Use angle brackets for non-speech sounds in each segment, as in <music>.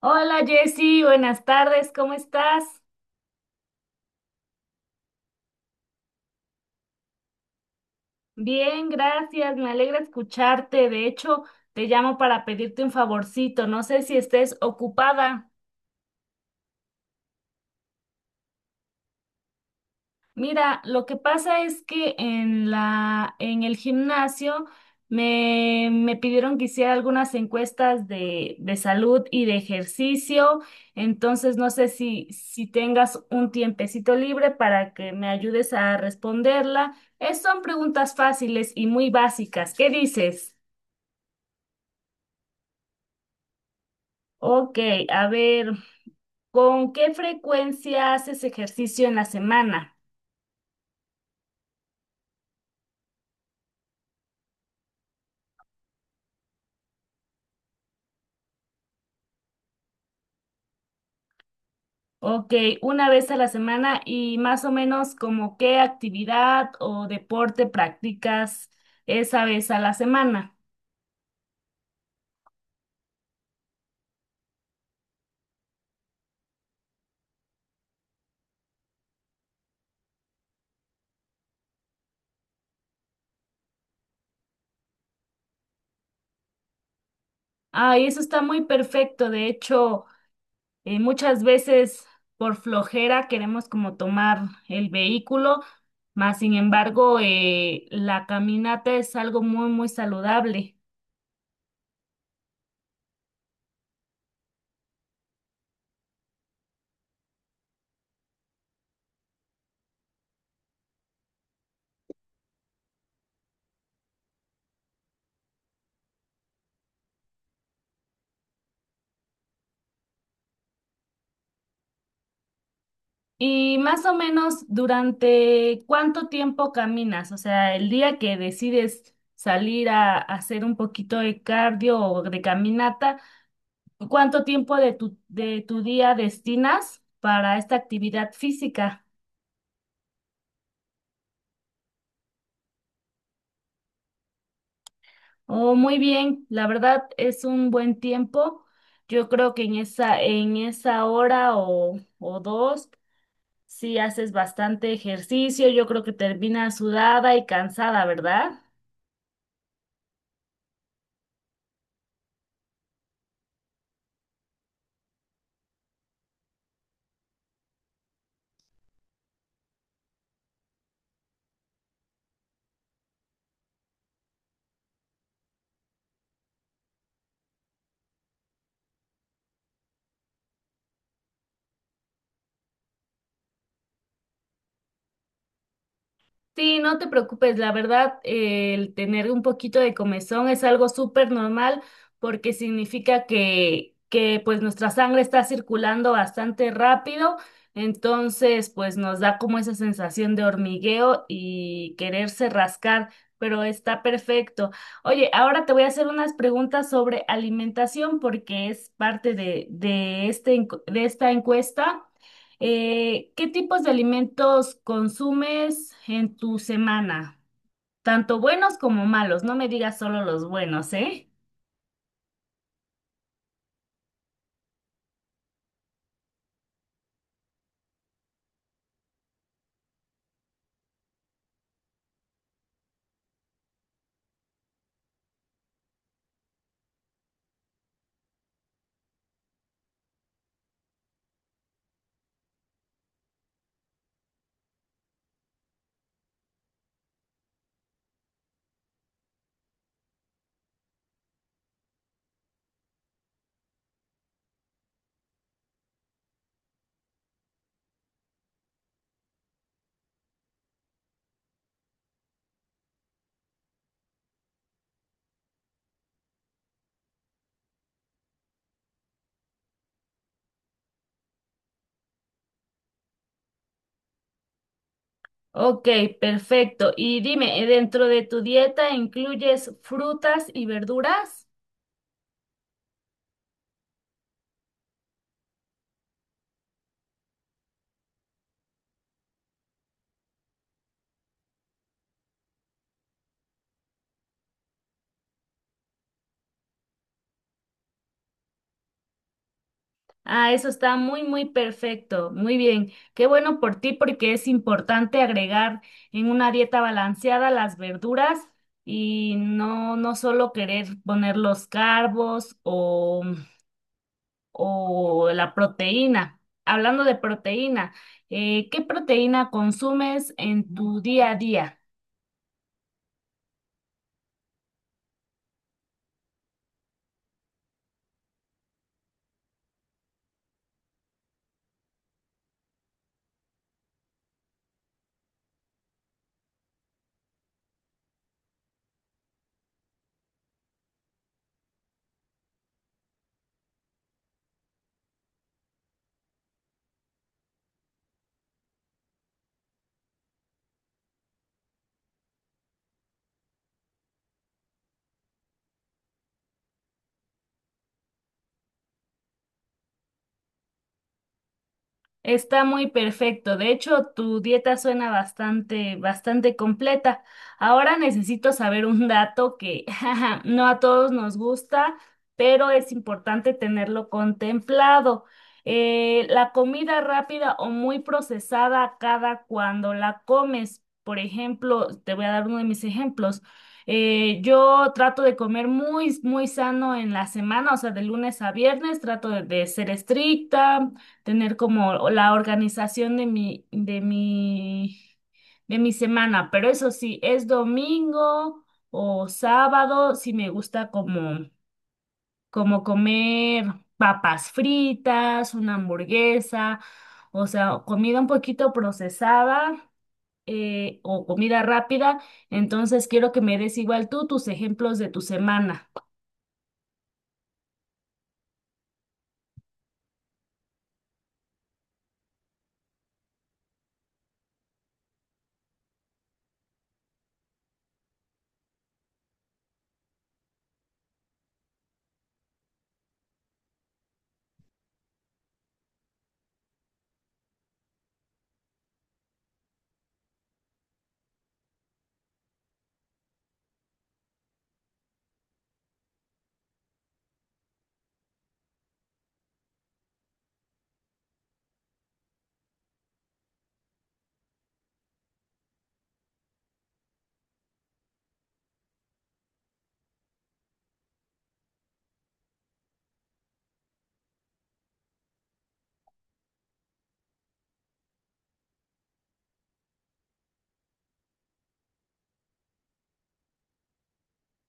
Hola Jessy, buenas tardes, ¿cómo estás? Bien, gracias, me alegra escucharte. De hecho, te llamo para pedirte un favorcito, no sé si estés ocupada. Mira, lo que pasa es que en el gimnasio me pidieron que hiciera algunas encuestas de salud y de ejercicio, entonces no sé si tengas un tiempecito libre para que me ayudes a responderla. Son preguntas fáciles y muy básicas. ¿Qué dices? Ok, a ver, ¿con qué frecuencia haces ejercicio en la semana? Ok, una vez a la semana y más o menos como qué actividad o deporte practicas esa vez a la semana. Ah, y eso está muy perfecto. De hecho, muchas veces por flojera queremos como tomar el vehículo, mas sin embargo, la caminata es algo muy, muy saludable. Y más o menos durante cuánto tiempo caminas, o sea, el día que decides salir a hacer un poquito de cardio o de caminata, ¿cuánto tiempo de de tu día destinas para esta actividad física? Oh, muy bien, la verdad es un buen tiempo. Yo creo que en en esa hora o dos, si haces bastante ejercicio, yo creo que terminas sudada y cansada, ¿verdad? Sí, no te preocupes, la verdad, el tener un poquito de comezón es algo súper normal porque significa que pues nuestra sangre está circulando bastante rápido, entonces pues nos da como esa sensación de hormigueo y quererse rascar, pero está perfecto. Oye, ahora te voy a hacer unas preguntas sobre alimentación porque es parte de este de esta encuesta. ¿Qué tipos de alimentos consumes en tu semana? Tanto buenos como malos, no me digas solo los buenos, ¿eh? Ok, perfecto. Y dime, ¿dentro de tu dieta incluyes frutas y verduras? Ah, eso está muy, muy perfecto. Muy bien. Qué bueno por ti porque es importante agregar en una dieta balanceada las verduras y no, no solo querer poner los carbos o la proteína. Hablando de proteína, ¿qué proteína consumes en tu día a día? Está muy perfecto. De hecho, tu dieta suena bastante, bastante completa. Ahora necesito saber un dato que <laughs> jaja, no a todos nos gusta, pero es importante tenerlo contemplado. La comida rápida o muy procesada cada cuando la comes. Por ejemplo, te voy a dar uno de mis ejemplos. Yo trato de comer muy, muy sano en la semana, o sea, de lunes a viernes, trato de ser estricta, tener como la organización de de mi semana, pero eso sí, es domingo o sábado, si me gusta como, como comer papas fritas, una hamburguesa, o sea, comida un poquito procesada, o comida rápida, entonces quiero que me des igual tú tus ejemplos de tu semana.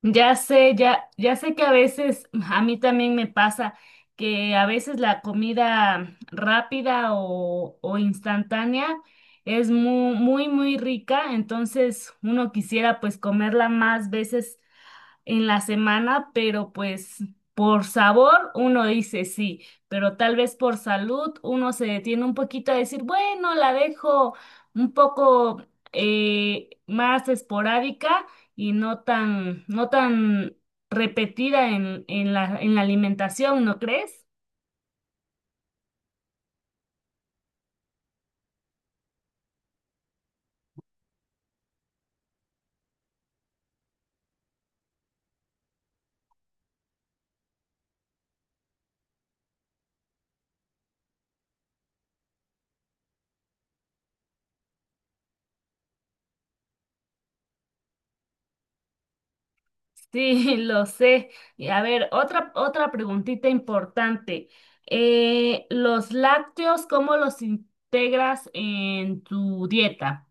Ya sé, ya sé que a veces a mí también me pasa que a veces la comida rápida o instantánea es muy, muy, muy rica, entonces uno quisiera pues comerla más veces en la semana, pero pues por sabor uno dice sí, pero tal vez por salud uno se detiene un poquito a decir, bueno, la dejo un poco, más esporádica y no tan repetida en la alimentación, ¿no crees? Sí, <laughs> lo sé. Y a ver, otra preguntita importante. ¿Los lácteos, cómo los integras en tu dieta?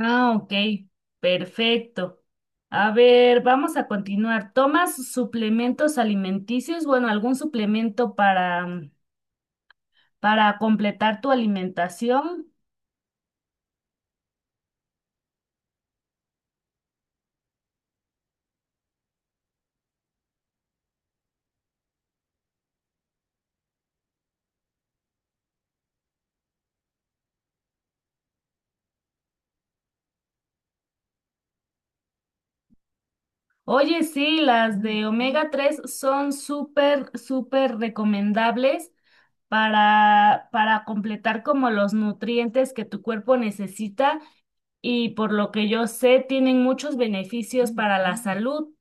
Ah, ok, perfecto. A ver, vamos a continuar. ¿Tomas suplementos alimenticios? Bueno, algún suplemento para, para completar tu alimentación. Oye, sí, las de omega-3 son súper, súper recomendables para completar como los nutrientes que tu cuerpo necesita y por lo que yo sé, tienen muchos beneficios para la salud.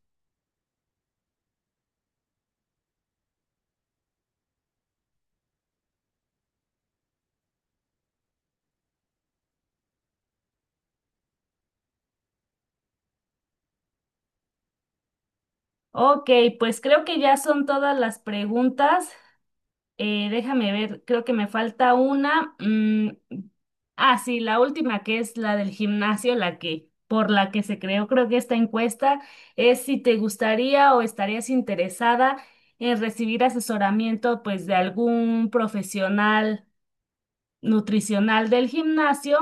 Ok, pues creo que ya son todas las preguntas. Déjame ver, creo que me falta una. Mm, ah, sí, la última, que es la del gimnasio, la que por la que se creó, creo que esta encuesta, es si te gustaría o estarías interesada en recibir asesoramiento, pues, de algún profesional nutricional del gimnasio.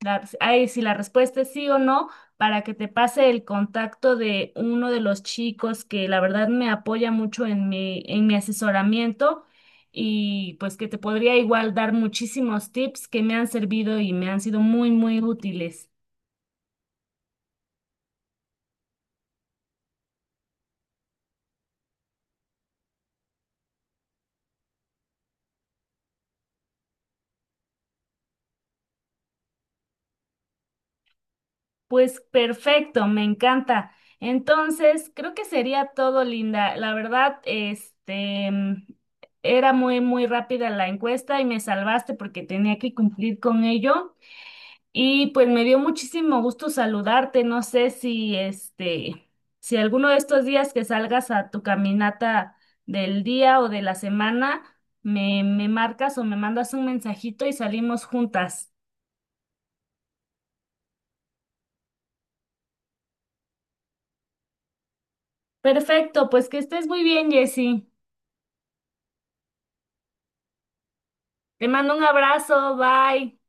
La- ahí si la respuesta es sí o no, para que te pase el contacto de uno de los chicos que la verdad me apoya mucho en en mi asesoramiento y pues que te podría igual dar muchísimos tips que me han servido y me han sido muy, muy útiles. Pues perfecto, me encanta. Entonces, creo que sería todo, Linda. La verdad, este, mm, era muy, muy rápida la encuesta y me salvaste porque tenía que cumplir con ello. Y pues me dio muchísimo gusto saludarte. No sé si, este, si alguno de estos días que salgas a tu caminata del día o de la semana, me marcas o me mandas un mensajito y salimos juntas. Perfecto, pues que estés muy bien, Jessie. Te mando un abrazo, bye.